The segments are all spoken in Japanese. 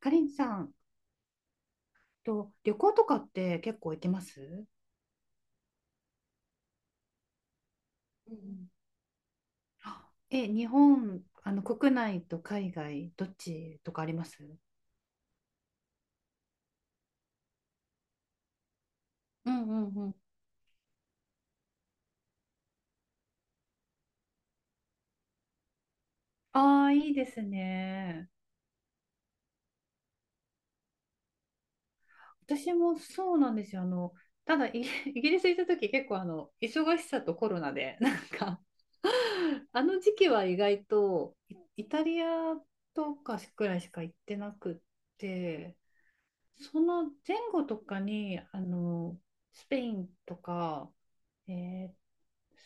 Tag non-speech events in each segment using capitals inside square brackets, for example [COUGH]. かりんさんと旅行とかって結構行けます？うん。日本、国内と海外、どっちとかあります？うんうんうん。ああ、いいですね。私もそうなんですよ。ただ[LAUGHS] イギリス行った時結構忙しさとコロナで、[LAUGHS] なんか [LAUGHS] あの時期は意外とイタリアとかくらいしか行ってなくって、その前後とかに、スペインとか、えー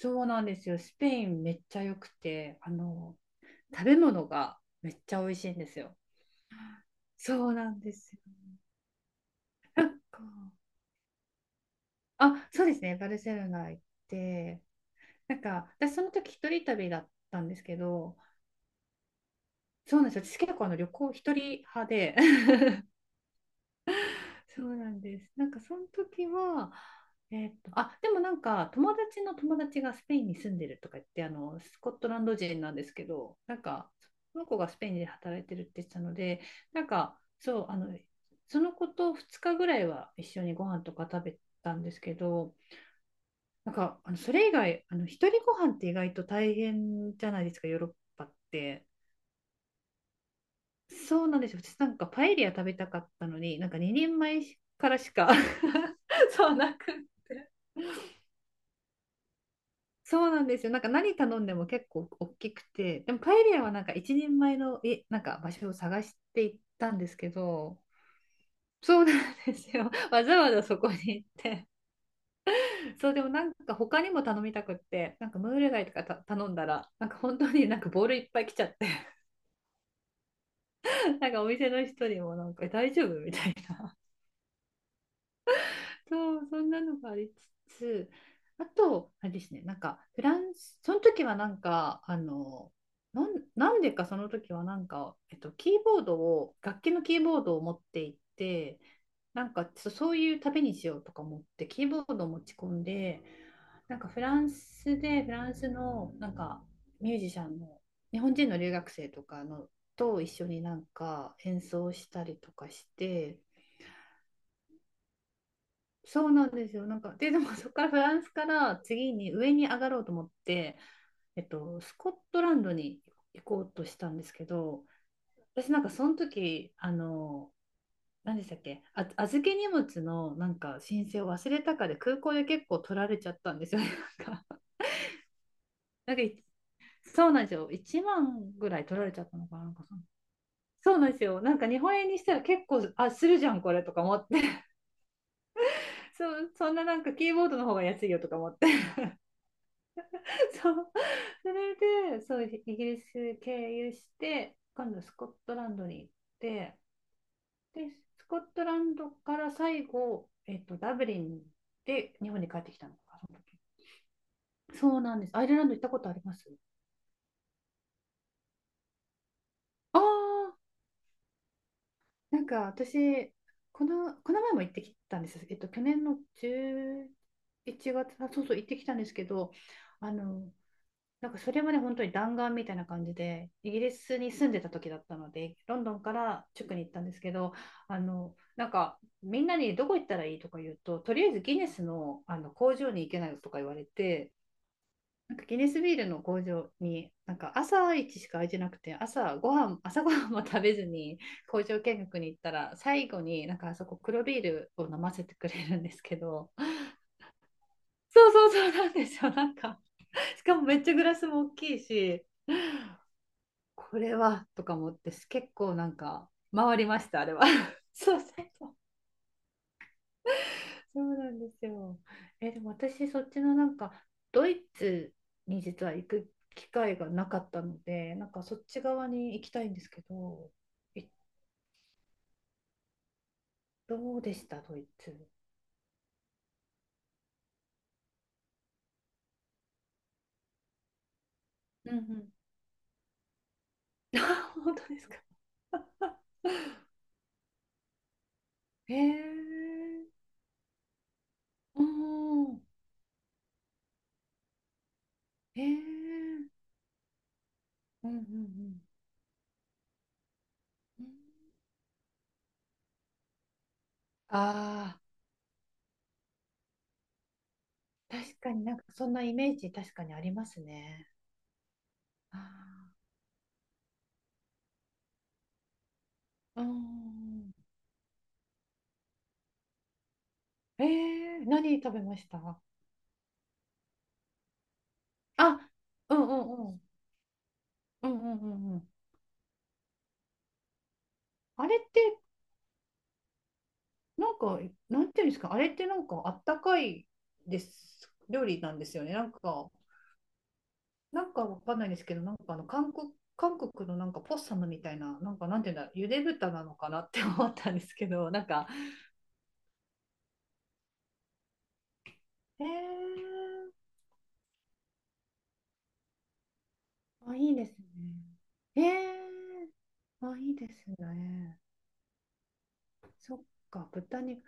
そうなんですよ。スペインめっちゃ良くて、食べ物がめっちゃ美味しいんですよ。そうなんですよ。かあ、そうですね。バルセロナ行って、なんか、私その時一人旅だったんですけど、そうなんですよ。私結構旅行一人派で、そうなんです。なんかその時は、あ、でもなんか友達の友達がスペインに住んでるとか言って、スコットランド人なんですけど、なんかその子がスペインで働いてるって言ってたので、なんかそう、その子と2日ぐらいは一緒にご飯とか食べたんですけど、なんかそれ以外、一人ご飯って意外と大変じゃないですか、ヨーロッパって。そうなんですよ。私なんかパエリア食べたかったのに、なんか2人前からしか [LAUGHS] そうなくって、そうなんですよ。なんか何頼んでも結構大きくて、でもパエリアはなんか1人前の、なんか場所を探していったんですけど、そうなんですよ。[LAUGHS] わざわざそこに行って。そう、でもなんか他にも頼みたくって、なんかムール貝とか頼んだら、なんか本当になんかボールいっぱい来ちゃって、[LAUGHS] なんかお店の人にもなんか大丈夫みたいな。そう、そんなのがありつつ、あと、あれですね、なんか、フランス、その時はなんか、なんでかその時はなんか、キーボードを、楽器のキーボードを持っていって、なんか、そういう旅にしようとか思って、キーボードを持ち込んで、なんかフランスで、フランスの、なんか、ミュージシャンの、日本人の留学生とかの、と一緒になんか演奏したりとかして、そうなんですよ。なんか、でもそこからフランスから次に上に上がろうと思って、スコットランドに行こうとしたんですけど、私なんかその時、何でしたっけ、あ、預け荷物のなんか申請を忘れたかで空港で結構取られちゃったんですよね。なんか、なんかいそうなんですよ。1万ぐらい取られちゃったのかな、なんかその、そうなんですよ。なんか日本円にしたら結構、あ、するじゃん、これとか思って。[LAUGHS] そう、そんななんかキーボードの方が安いよとか思って。[LAUGHS] そう、それで、そう、イギリス経由して、今度スコットランドに、でスコットランドから最後、ダブリンで日本に帰ってきたのか、その時。そうなんです。アイルランド行ったことあります？ああー、なんか私この前も行ってきたんです。去年の11月、あ、そうそう、行ってきたんですけど、あの、なんかそれもね、本当に弾丸みたいな感じで、イギリスに住んでた時だったので、ロンドンからチュクに行ったんですけど、なんか、みんなにどこ行ったらいいとか言うと、とりあえずギネスの、あの工場に行けないとか言われて、なんかギネスビールの工場に、なんか朝一しか空いてなくて、朝ごはんも食べずに工場見学に行ったら、最後になんかあそこ黒ビールを飲ませてくれるんですけど、そうそうそうなんですよ、なんか、しかもめっちゃグラスも大きいし、これはとか思って結構なんか回りましたあれは [LAUGHS] そうそう、そうそうなんですよ。でも私そっちのなんかドイツに実は行く機会がなかったので、なんかそっち側に行きたいんですけど、えどうでしたドイツ？うんうん。[LAUGHS] あ、本当ですか？へえー。うん。へえー。うんうんうんうん。ああ、確かになんかそんなイメージ確かにありますね。あー。あー。え何食べました？あ、うんうんうん。うんうんうんうん。あれって、なんか、なんていうんですか、あれってなんかあったかいです、料理なんですよね。なんか、なんかわかんないですけど、なんか韓国のなんかポッサムみたいな、なんかなんていうんだ、ゆで豚なのかなって思ったんですけど、なんか、えー、あ、いいですね。あ、いいですね。そっか、豚肉。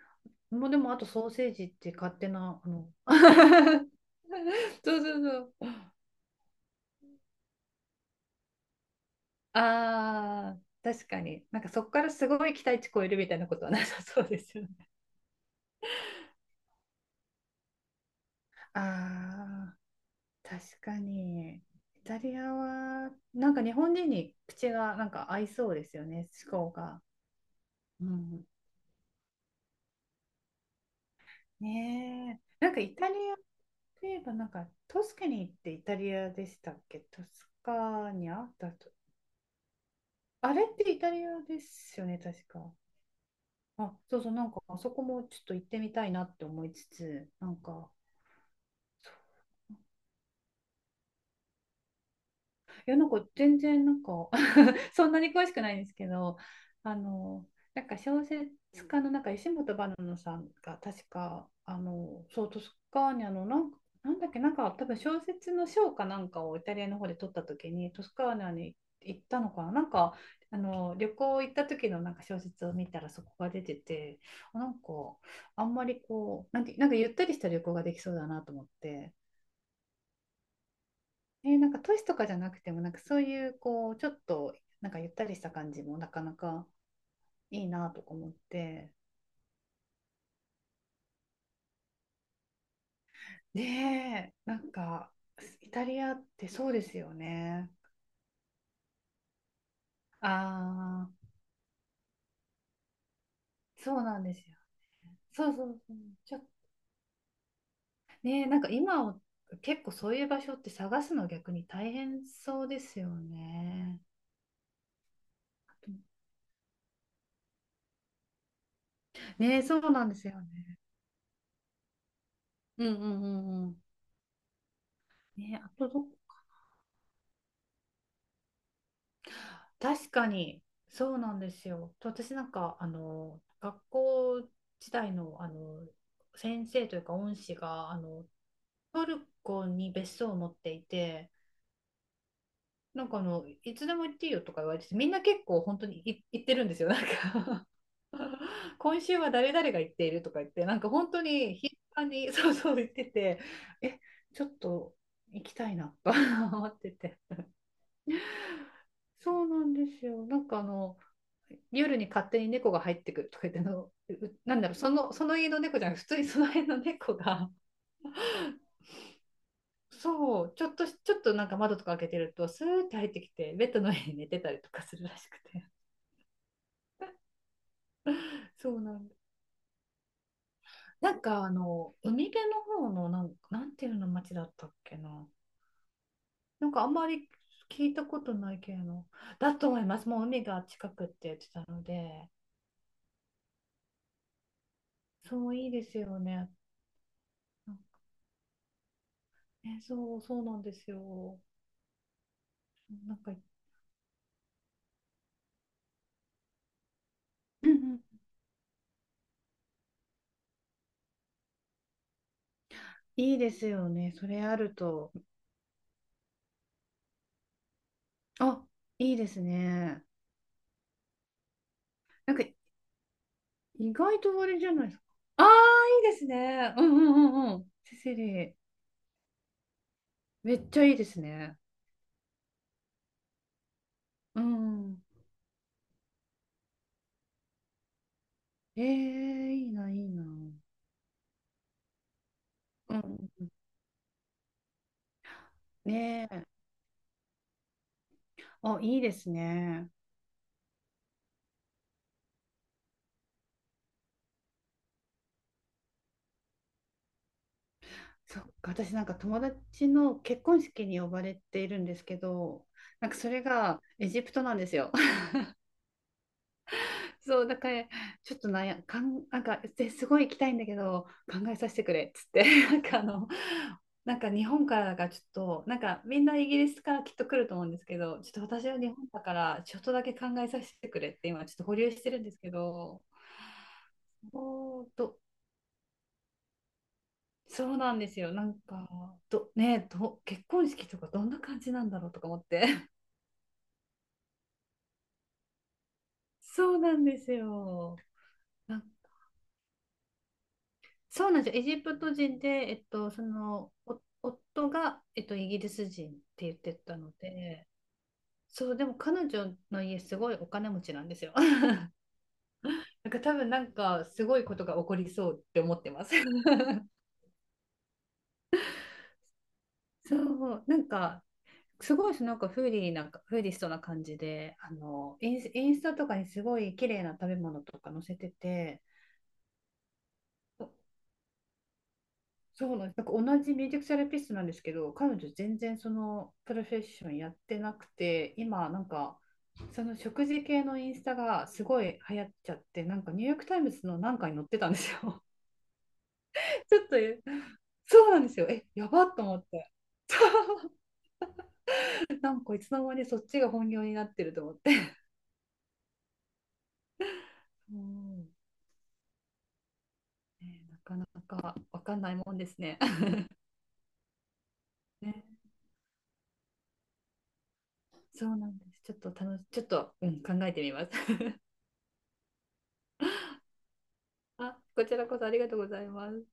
もうでもあとソーセージって勝手な、[LAUGHS] そうそうそう。ああ、確かに。なんかそこからすごい期待値超えるみたいなことはなさそうですよね。ああ、確かに。イタリアは、なんか日本人に口がなんか合いそうですよね、思考が。うん。ねえ。なんかイタリアといえば、なんかトスカニーってイタリアでしたっけ、トスカーニャだと。あれってイタリアですよね、確か。あ、そうそう、なんかあそこもちょっと行ってみたいなって思いつつ、なんか、そういや、なんか全然なんか [LAUGHS] そんなに詳しくないんですけど、あの、なんか小説家のなんか石本ばなのさんが確か、そう、トスカーニャのなんか、なんだっけ、なんか多分小説の賞かなんかをイタリアの方で取った時に、トスカーニャに行ったのかな、なんか、あの旅行行った時のなんか小説を見たらそこが出てて、あ、なんかあんまりこうなんてなんかゆったりした旅行ができそうだなと思って、なんか都市とかじゃなくてもなんかそういうこうちょっとなんかゆったりした感じもなかなかいいなとか思って。ねえ、なんか、イタリアってそうですよね。ああ、そうなんですよね。そうそうそう。ちょ、ねえ、なんか結構そういう場所って探すの逆に大変そうですよね。ねえ、そうなんですよね。うんうんうんうん。ねえ、あとど、確かに、そうなんですよ。と私なんか、学校時代の、先生というか恩師が、トルコに別荘を持っていて、なんかいつでも行っていいよとか言われてみんな結構本当に行ってるんですよ。なんか [LAUGHS] 今週は誰々が行っているとか言って、なんか本当に頻繁に [LAUGHS] そうそう言ってて、え、ちょっと行きたいなと [LAUGHS] 思ってて。そうなんですよ。なんか夜に勝手に猫が入ってくるとか言っての、なんだろう、その家の猫じゃなくて、普通にその辺の猫が、そう、ちょっとなんか窓とか開けてると、スーッて入ってきて、ベッドの上に [LAUGHS] 寝てたりとかするらしくて。[LAUGHS] そうなんだ。なんか海辺の方のなんていうの町だったっけな。なんかあんまり聞いたことない系の。だと思います。もう海が近くって言ってたので。そう、いいですよね。ね、そうなんですよ。なんか、うんうん、いいですよね、それあると。あ、いいですね。なんか意外とあれじゃないですか。ああ、いいですね。うんうんうんうん。セセリ。めっちゃいいですね。うん。ええ、いいな、いいな。うん。ねえ。あ、いいですね。そっか、私なんか友達の結婚式に呼ばれているんですけど、なんかそれがエジプトなんですよ。そう、だから、ちょっとなんや、かん、なんか、ですごい行きたいんだけど、考えさせてくれっつって [LAUGHS]、なんかあの、なんか日本からがちょっと、なんかみんなイギリスからきっと来ると思うんですけど、ちょっと私は日本だから、ちょっとだけ考えさせてくれって今、ちょっと保留してるんですけど、おーと、そうなんですよ、なんか、ど、ね、ど、結婚式とかどんな感じなんだろうとか思って。[LAUGHS] そうなんですよ。なんそうなんですよ。エジプト人で、えっと、お夫が、えっと、イギリス人って言ってたので、そう、でも彼女の家、すごいお金持ちなんですよ。[LAUGHS] なんか多分、なんか、すごいことが起こりそうって思ってます。[LAUGHS] そう、なんか、すごいし、なんか、フーリストな感じで、インスタとかにすごい綺麗な食べ物とか載せてて、そうなんです。なんか同じミュージックセラピストなんですけど、彼女全然そのプロフェッションやってなくて、今なんかその食事系のインスタがすごい流行っちゃって、なんかニューヨークタイムズのなんかに載ってたんですよ。[LAUGHS] ちょっとそうなんですよ。え、やばっと思って。なんかいつの間にそっちが本業になってると思って。[LAUGHS] うん、ね、なかなかわかんないもんですね。[LAUGHS] ね、そうなんです。ちょっと、うん、考えてみます。[LAUGHS] あ、こちらこそありがとうございます。